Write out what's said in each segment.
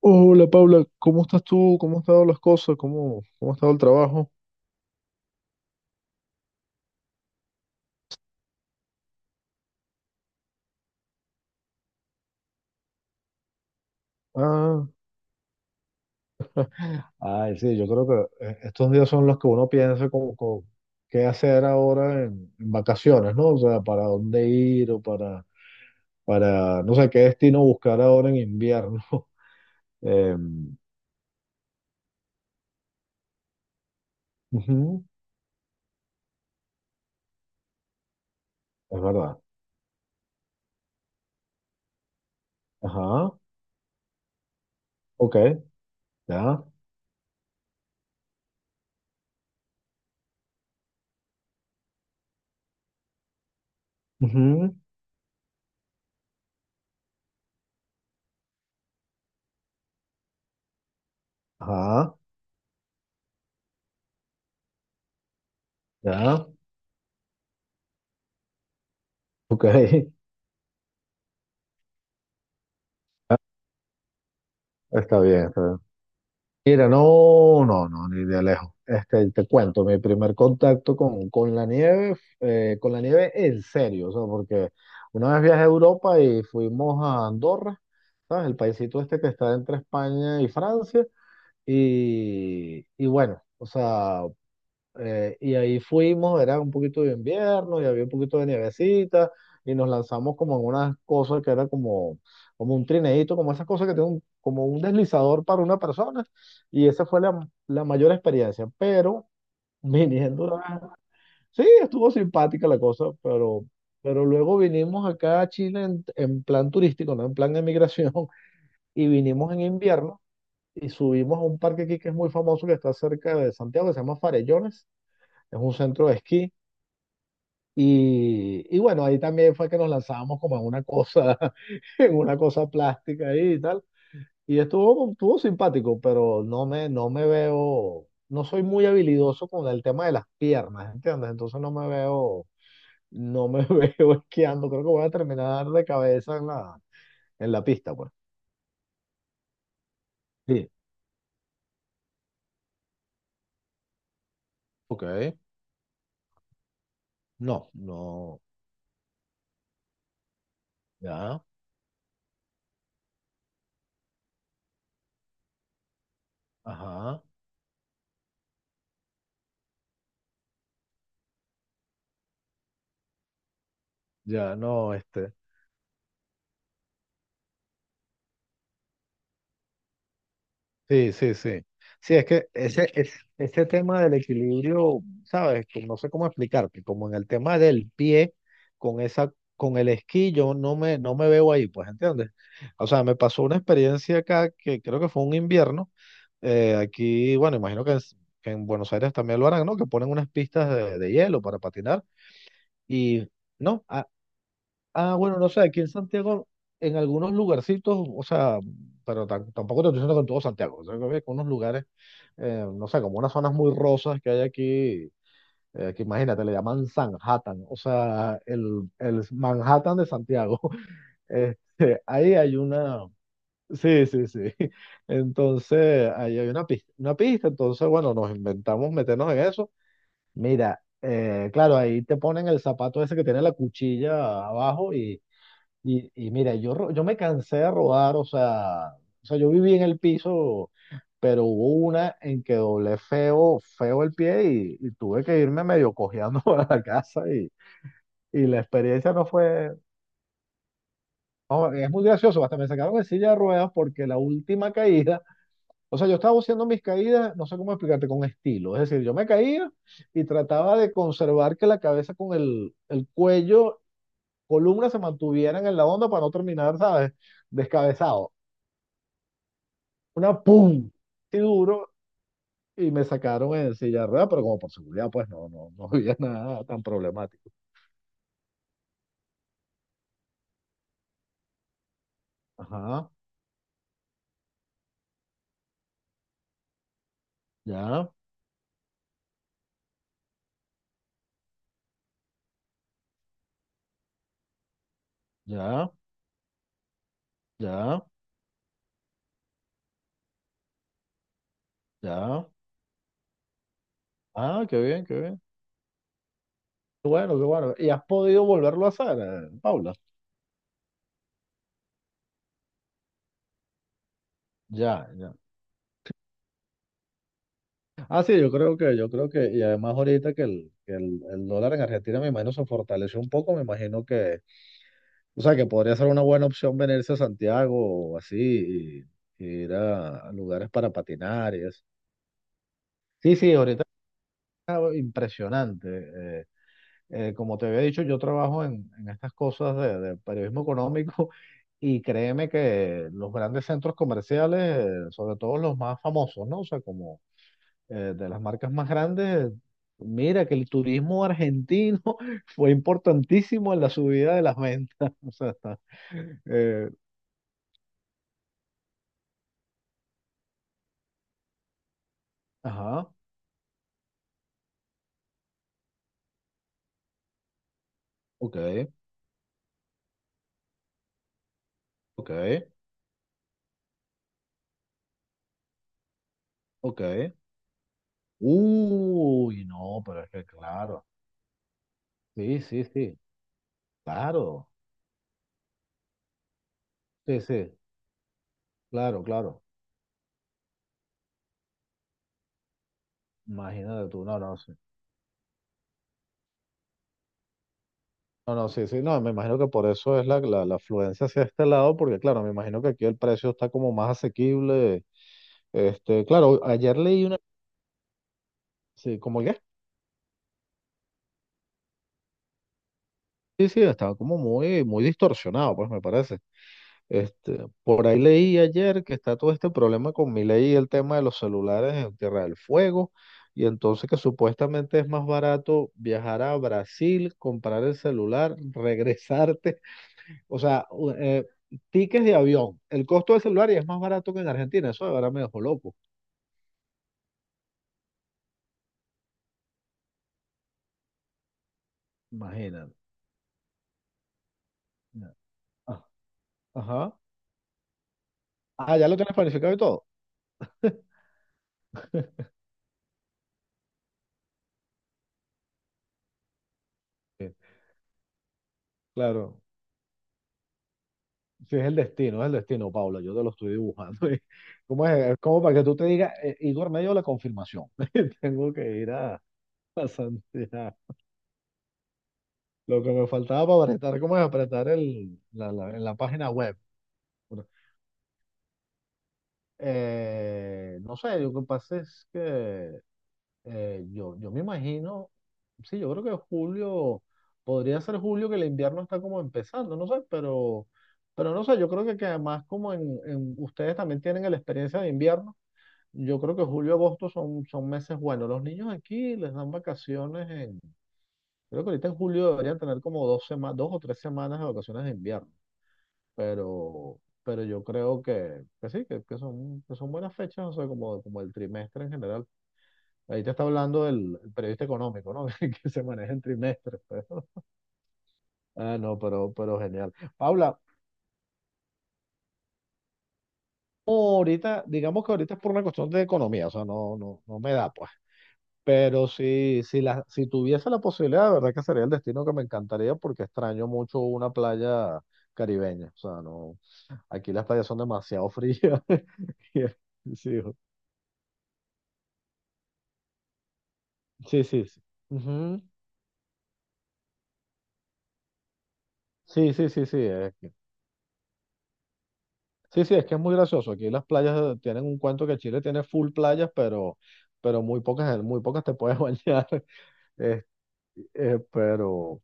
Hola Paula, ¿cómo estás tú? ¿Cómo han estado las cosas? ¿Cómo ha estado el trabajo? Ah, ay, sí, yo creo que estos días son los que uno piensa como qué hacer ahora en vacaciones, ¿no? O sea, para dónde ir o para, no sé, qué destino buscar ahora en invierno. Eh, ujú, es verdad. Ajá, ok, ya. Ujú, ajá, ya, ok. Está bien, está bien. Mira, no, no, no, ni de lejos. Este, te cuento, mi primer contacto con la nieve, con la nieve en serio, o sea, porque una vez viajé a Europa y fuimos a Andorra, ¿sabes? El paisito este que está entre España y Francia, y bueno, o sea, y ahí fuimos, era un poquito de invierno y había un poquito de nievecita y nos lanzamos como en unas cosas que era como un trineíto, como esas cosas que tienen como un deslizador para una persona, y esa fue la mayor experiencia, pero viniendo, sí, estuvo simpática la cosa, pero luego vinimos acá a Chile en plan turístico, no en plan de migración. Y vinimos en invierno y subimos a un parque aquí que es muy famoso, que está cerca de Santiago, que se llama Farellones. Es un centro de esquí. Y bueno, ahí también fue que nos lanzábamos como en una cosa, en una cosa plástica ahí y tal. Y estuvo simpático, pero no me, no me veo, no soy muy habilidoso con el tema de las piernas, ¿entiendes? Entonces no me veo, no me veo esquiando. Creo que voy a terminar de cabeza en la pista, pues. Sí, ok. No, no, ya, ajá, ya no, este. Sí, sí, sí. Sí, es que ese tema del equilibrio, ¿sabes? Que no sé cómo explicarte, como en el tema del pie, con el esquí, yo no me veo ahí, pues, ¿entiendes? O sea, me pasó una experiencia acá que creo que fue un invierno. Aquí, bueno, imagino que en, Buenos Aires también lo harán, ¿no? Que ponen unas pistas de hielo para patinar. Y, no, bueno, no sé, aquí en Santiago, en algunos lugarcitos, o sea, pero tampoco te estoy diciendo con todo Santiago, o sea, que había unos lugares no sé, como unas zonas muy rosas que hay aquí, que imagínate, le llaman Sanhattan, o sea, el Manhattan de Santiago. Este, ahí hay una, sí, sí, sí. Entonces, ahí hay una pista, entonces, bueno, nos inventamos meternos en eso. Mira, claro, ahí te ponen el zapato ese que tiene la cuchilla abajo y, y mira, yo me cansé de rodar, o sea, yo viví en el piso, pero hubo una en que doblé feo, feo el pie y tuve que irme medio cojeando para la casa y la experiencia no fue. No, es muy gracioso, hasta me sacaron de silla de ruedas porque la última caída, o sea, yo estaba haciendo mis caídas, no sé cómo explicarte, con estilo, es decir, yo me caía y trataba de conservar que la cabeza con el cuello, columna se mantuvieran en la onda para no terminar, ¿sabes? Descabezado. Una pum y duro y me sacaron en silla de ruedas, pero como por seguridad, pues no había nada tan problemático. Ajá, ya, ya, ya, ya. Ah, qué bien, qué bien. Qué bueno, qué bueno. ¿Y has podido volverlo a hacer, Paula? Ya, ya. Ah, sí, yo creo que, y además ahorita el dólar en Argentina, me imagino, se fortaleció un poco, me imagino que, o sea, que podría ser una buena opción venirse a Santiago o así, y ir a lugares para patinar y eso. Sí, sí, ahorita impresionante. Eh, como te había dicho, yo trabajo en estas cosas de periodismo económico y créeme que los grandes centros comerciales, sobre todo los más famosos, ¿no? O sea, como de las marcas más grandes, mira que el turismo argentino fue importantísimo en la subida de las ventas. O sea, está, eh, ajá, ok, ok, ok. Uy, no, pero es que claro. Sí, sí, sí, claro. Sí, sí. Claro, claro. Imagínate tú, no, no, sí. No, no, sí, sí, no, me imagino que por eso es la, la afluencia hacia este lado, porque claro, me imagino que aquí el precio está como más asequible. Este, claro, ayer leí una, sí, como que, sí, sí, estaba como muy, muy distorsionado, pues me parece. Este, por ahí leí ayer que está todo este problema con mi ley y el tema de los celulares en Tierra del Fuego, y entonces que supuestamente es más barato viajar a Brasil, comprar el celular, regresarte. O sea, tickets de avión. El costo del celular y es más barato que en Argentina. Eso de verdad me dejó loco. Imagínate. Ya. Ah, ajá. Ah, ya lo tienes planificado y todo. Sí, claro. Sí, es el destino, Paula. Yo te lo estoy dibujando. ¿Cómo es? Es como para que tú te digas, Igor, me dio la confirmación. Tengo que ir a Santiago. Lo que me faltaba para apretar, ¿cómo es apretar en la página web? Bueno, no sé, lo que pasa es que yo me imagino, sí, yo creo que julio, podría ser julio que el invierno está como empezando, no sé, pero no sé, yo creo que además como en, ustedes también tienen la experiencia de invierno, yo creo que julio agosto son, son meses buenos. Los niños aquí les dan vacaciones creo que ahorita en julio deberían tener como 2 semanas, 2 o 3 semanas de vacaciones de invierno, pero, pero yo creo que sí, que son buenas fechas, o sea, como el trimestre en general. Ahí te está hablando el periodista económico, ¿no? Que se maneja en trimestres, pues. Ah, no, pero genial. Paula, no, ahorita, digamos que ahorita es por una cuestión de economía, o sea, no me da, pues. Pero si tuviese la posibilidad, de verdad que sería el destino que me encantaría porque extraño mucho una playa caribeña. O sea, no, aquí las playas son demasiado frías. Y es- Sí, sí, sí, sí. Ujú. Sí, sí, sí, sí. Sí, sí, es que es muy gracioso. Aquí las playas tienen un cuento que Chile tiene full playas, pero muy pocas te puedes bañar. Eh, pero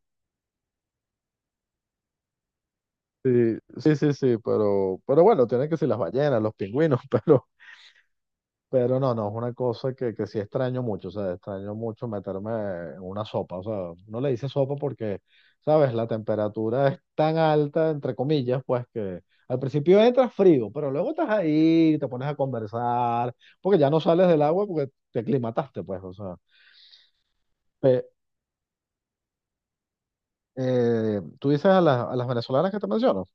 sí, sí, sí, sí, pero bueno, tienen que ser las ballenas, los pingüinos, pero. Pero no, es una cosa que sí extraño mucho, o sea, extraño mucho meterme en una sopa, o sea, no le dice sopa porque, ¿sabes? La temperatura es tan alta, entre comillas, pues que al principio entras frío, pero luego estás ahí, te pones a conversar, porque ya no sales del agua porque te aclimataste, pues, o sea. Pe- tú dices a las venezolanas que te menciono.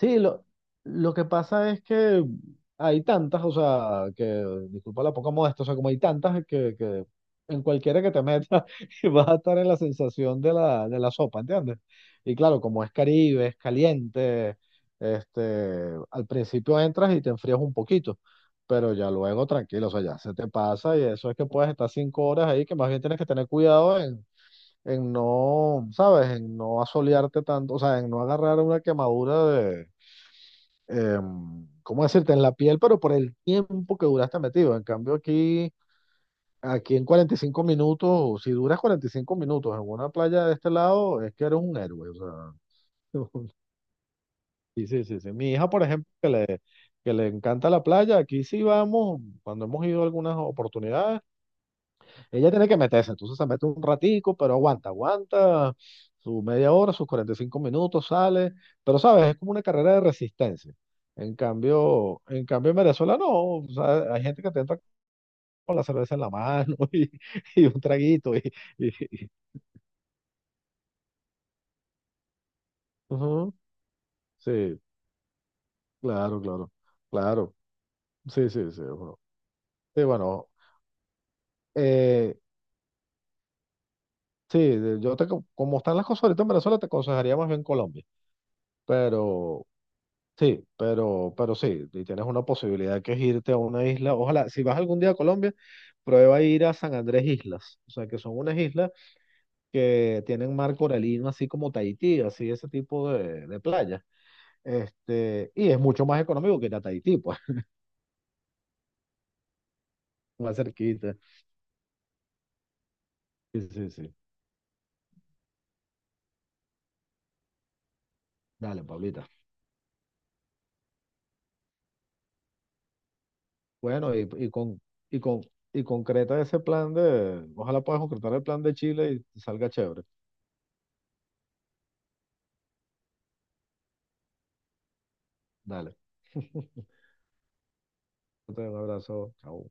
Sí, lo que pasa es que hay tantas, o sea, que, disculpa la poca modestia, o sea, como hay tantas que en cualquiera que te metas vas a estar en la sensación de la sopa, ¿entiendes? Y claro, como es Caribe, es caliente, este, al principio entras y te enfrías un poquito, pero ya luego tranquilo, o sea, ya se te pasa y eso es que puedes estar 5 horas ahí, que más bien tienes que tener cuidado en no, ¿sabes? En no asolearte tanto, o sea, en no agarrar una quemadura de eh, ¿cómo decirte? En la piel, pero por el tiempo que duraste metido. En cambio, aquí, aquí en 45 minutos, si duras 45 minutos en una playa de este lado, es que eres un héroe. O sea, sí, sí, sí, sí. Mi hija, por ejemplo, que le encanta la playa, aquí sí vamos, cuando hemos ido a algunas oportunidades. Ella tiene que meterse, entonces se mete un ratico, pero aguanta, aguanta su media hora, sus 45 minutos, sale, pero sabes, es como una carrera de resistencia. En cambio, en cambio en Venezuela no, o sea, hay gente que te entra con la cerveza en la mano y un traguito y- y- ujú, sí, claro, claro, claro, sí, sí, sí, bueno, sí, bueno, eh, sí, como están las cosas ahorita en Venezuela, te aconsejaría más bien Colombia, pero. Sí, pero sí, y tienes una posibilidad que es irte a una isla. Ojalá, si vas algún día a Colombia, prueba ir a San Andrés Islas. O sea, que son unas islas que tienen mar coralino, así como Tahití, así ese tipo de playa. Este, y es mucho más económico que ir a Tahití, pues. Más cerquita. Sí, sí, sí. Dale, Pablita. Bueno, y con, y concreta ese plan de, ojalá puedas concretar el plan de Chile y salga chévere. Dale. Un abrazo. Chao.